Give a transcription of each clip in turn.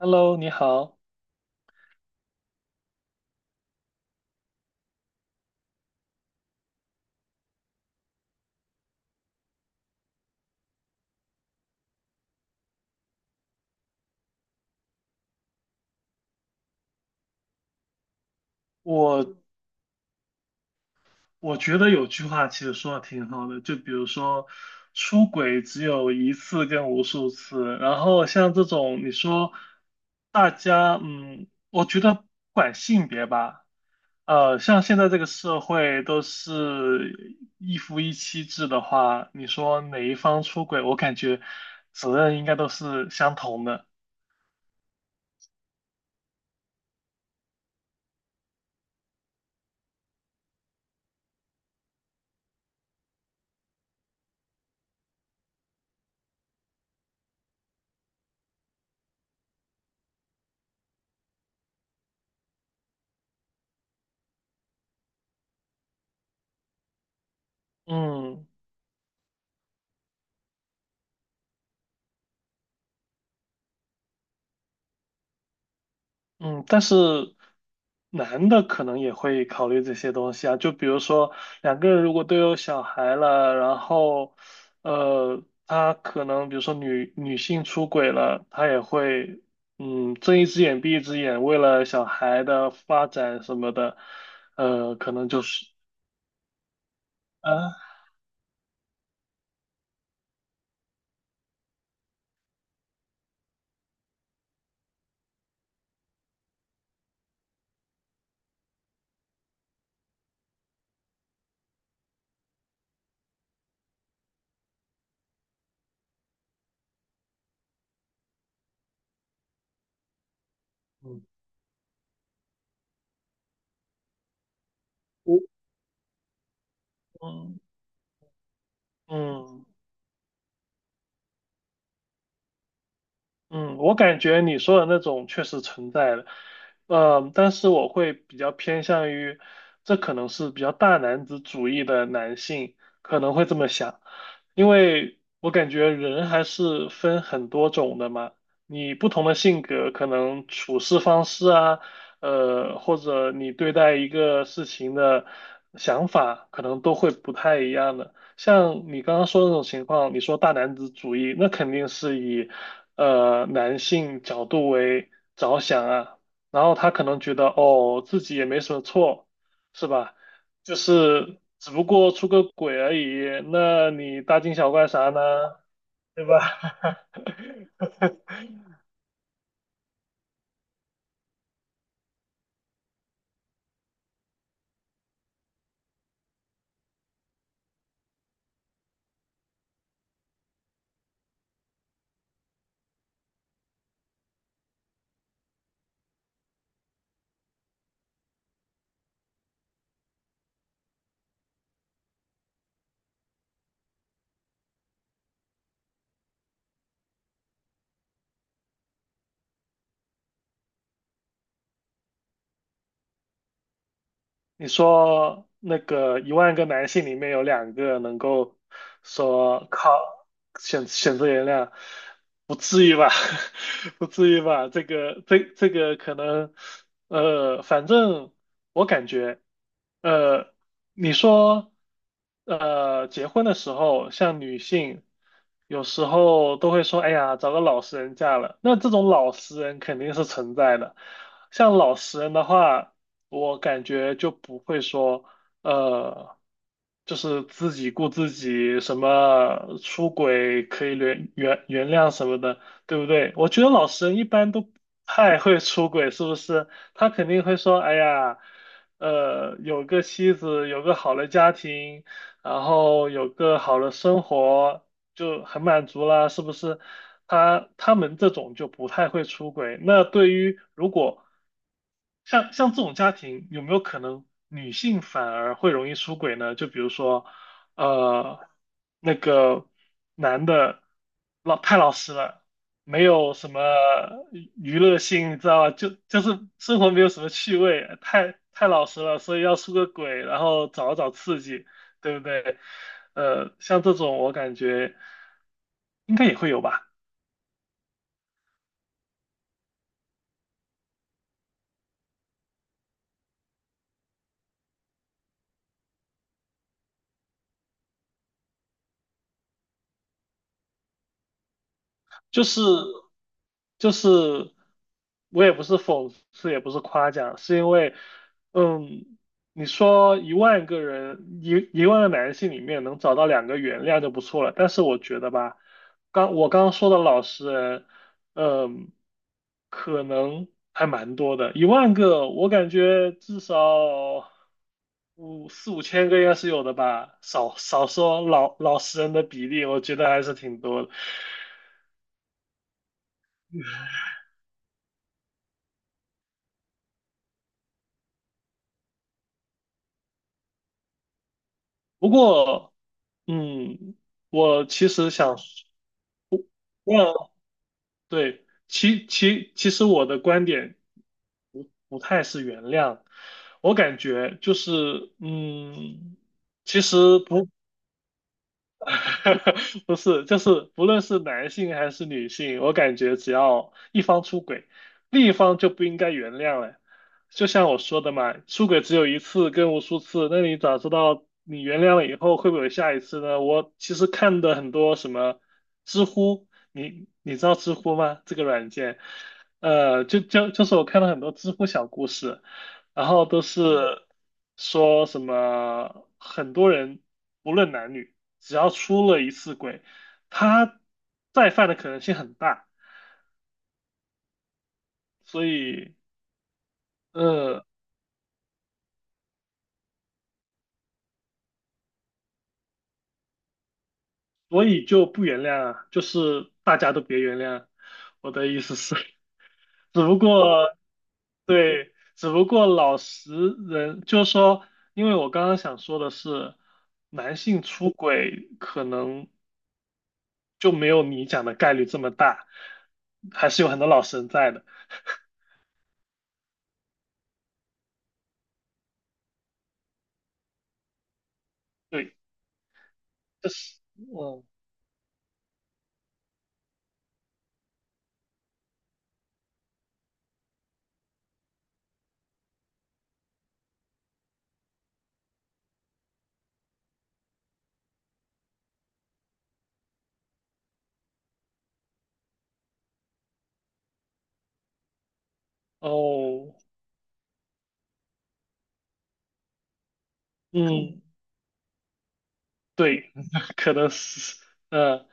Hello，你好。我我觉得有句话其实说的挺好的，就比如说出轨只有一次跟无数次，然后像这种你说大家，我觉得不管性别吧，像现在这个社会都是一夫一妻制的话，你说哪一方出轨，我感觉责任应该都是相同的。嗯。嗯，但是男的可能也会考虑这些东西啊，就比如说两个人如果都有小孩了，然后他可能比如说女性出轨了，他也会睁一只眼闭一只眼，为了小孩的发展什么的，可能就是啊，嗯，我嗯嗯。嗯，我感觉你说的那种确实存在的，但是我会比较偏向于，这可能是比较大男子主义的男性可能会这么想，因为我感觉人还是分很多种的嘛，你不同的性格可能处事方式啊，或者你对待一个事情的想法可能都会不太一样的。像你刚刚说的那种情况，你说大男子主义，那肯定是以男性角度为着想啊，然后他可能觉得哦自己也没什么错，是吧？就是只不过出个轨而已，那你大惊小怪啥呢？对吧？你说那个一万个男性里面有两个能够说靠选择原谅，不至于吧？不至于吧？这个可能，反正我感觉，呃，你说，结婚的时候，像女性有时候都会说，哎呀，找个老实人嫁了，那这种老实人肯定是存在的。像老实人的话，我感觉就不会说，呃，就是自己顾自己，什么出轨可以原谅什么的，对不对？我觉得老实人一般都不太会出轨，是不是？他肯定会说，哎呀，有个妻子，有个好的家庭，然后有个好的生活。就很满足啦，是不是？他们这种就不太会出轨。那对于如果像这种家庭，有没有可能女性反而会容易出轨呢？就比如说，呃，那个男的太老实了，没有什么娱乐性，你知道吧？就是生活没有什么趣味，太老实了，所以要出个轨，然后找找刺激。对不对？像这种我感觉应该也会有吧。就是就是，我也不是讽刺，也不是夸奖，是因为，嗯，你说一万个人，一万个男性里面能找到两个原谅就不错了。但是我觉得吧，我刚刚说的老实人，嗯，可能还蛮多的，一万个，我感觉至少五千个应该是有的吧，少说老实人的比例，我觉得还是挺多的。不过嗯，我其实想问，对，其实我的观点不太是原谅，我感觉就是，其实不 不是，就是不论是男性还是女性，我感觉只要一方出轨，另一方就不应该原谅了。就像我说的嘛，出轨只有一次跟无数次，那你咋知道你原谅了以后会不会有下一次呢？我其实看的很多什么知乎，你知道知乎吗？这个软件，就是我看了很多知乎小故事。然后都是说什么很多人不论男女，只要出了一次轨，他再犯的可能性很大，所以呃，所以就不原谅啊，就是大家都别原谅啊，我的意思是，只不过对，只不过老实人就是说，因为我刚刚想说的是，男性出轨可能，就没有你讲的概率这么大，还是有很多老神在的。对，这是，嗯，哦，嗯，对，可能是，嗯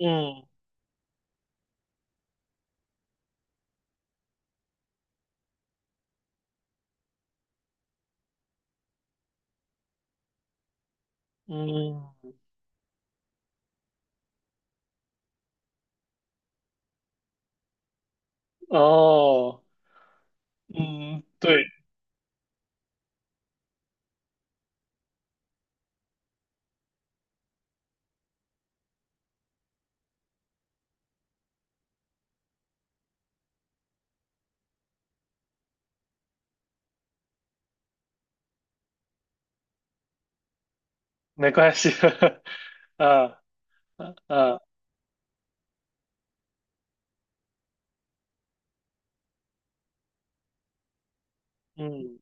嗯嗯，哦，嗯，对，没关系，呃呃呃，嗯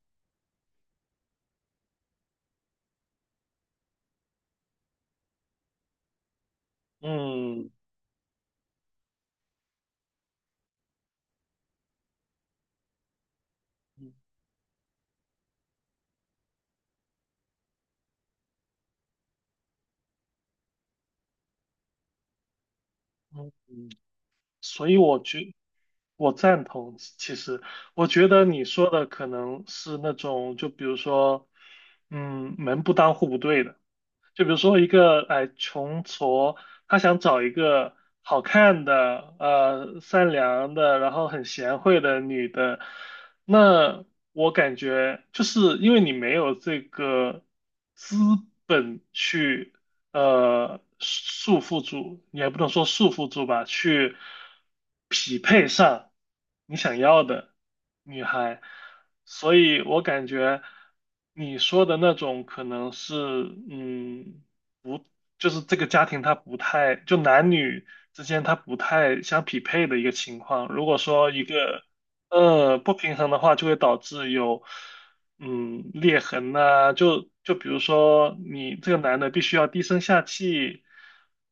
嗯嗯嗯，所以我觉。我赞同，其实我觉得你说的可能是那种，就比如说，门不当户不对的。就比如说一个哎穷矬，他想找一个好看的、善良的，然后很贤惠的女的，那我感觉就是因为你没有这个资本去束缚住，也不能说束缚住吧，去匹配上你想要的女孩。所以我感觉你说的那种可能是，嗯。就是这个家庭它不太，就男女之间它不太相匹配的一个情况。如果说一个不平衡的话，就会导致有裂痕呐、就比如说你这个男的必须要低声下气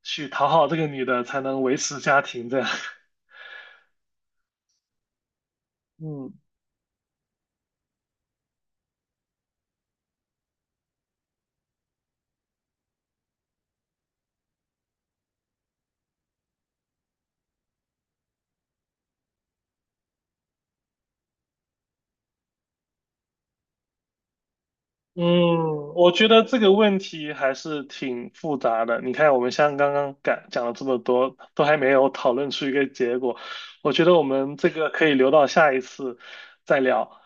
去讨好这个女的才能维持家庭这样。嗯嗯，我觉得这个问题还是挺复杂的。你看，我们像刚刚讲了这么多，都还没有讨论出一个结果。我觉得我们这个可以留到下一次再聊。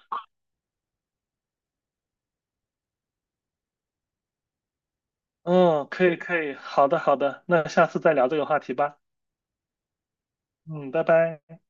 嗯，可以可以，好的好的，那下次再聊这个话题吧。嗯，拜拜。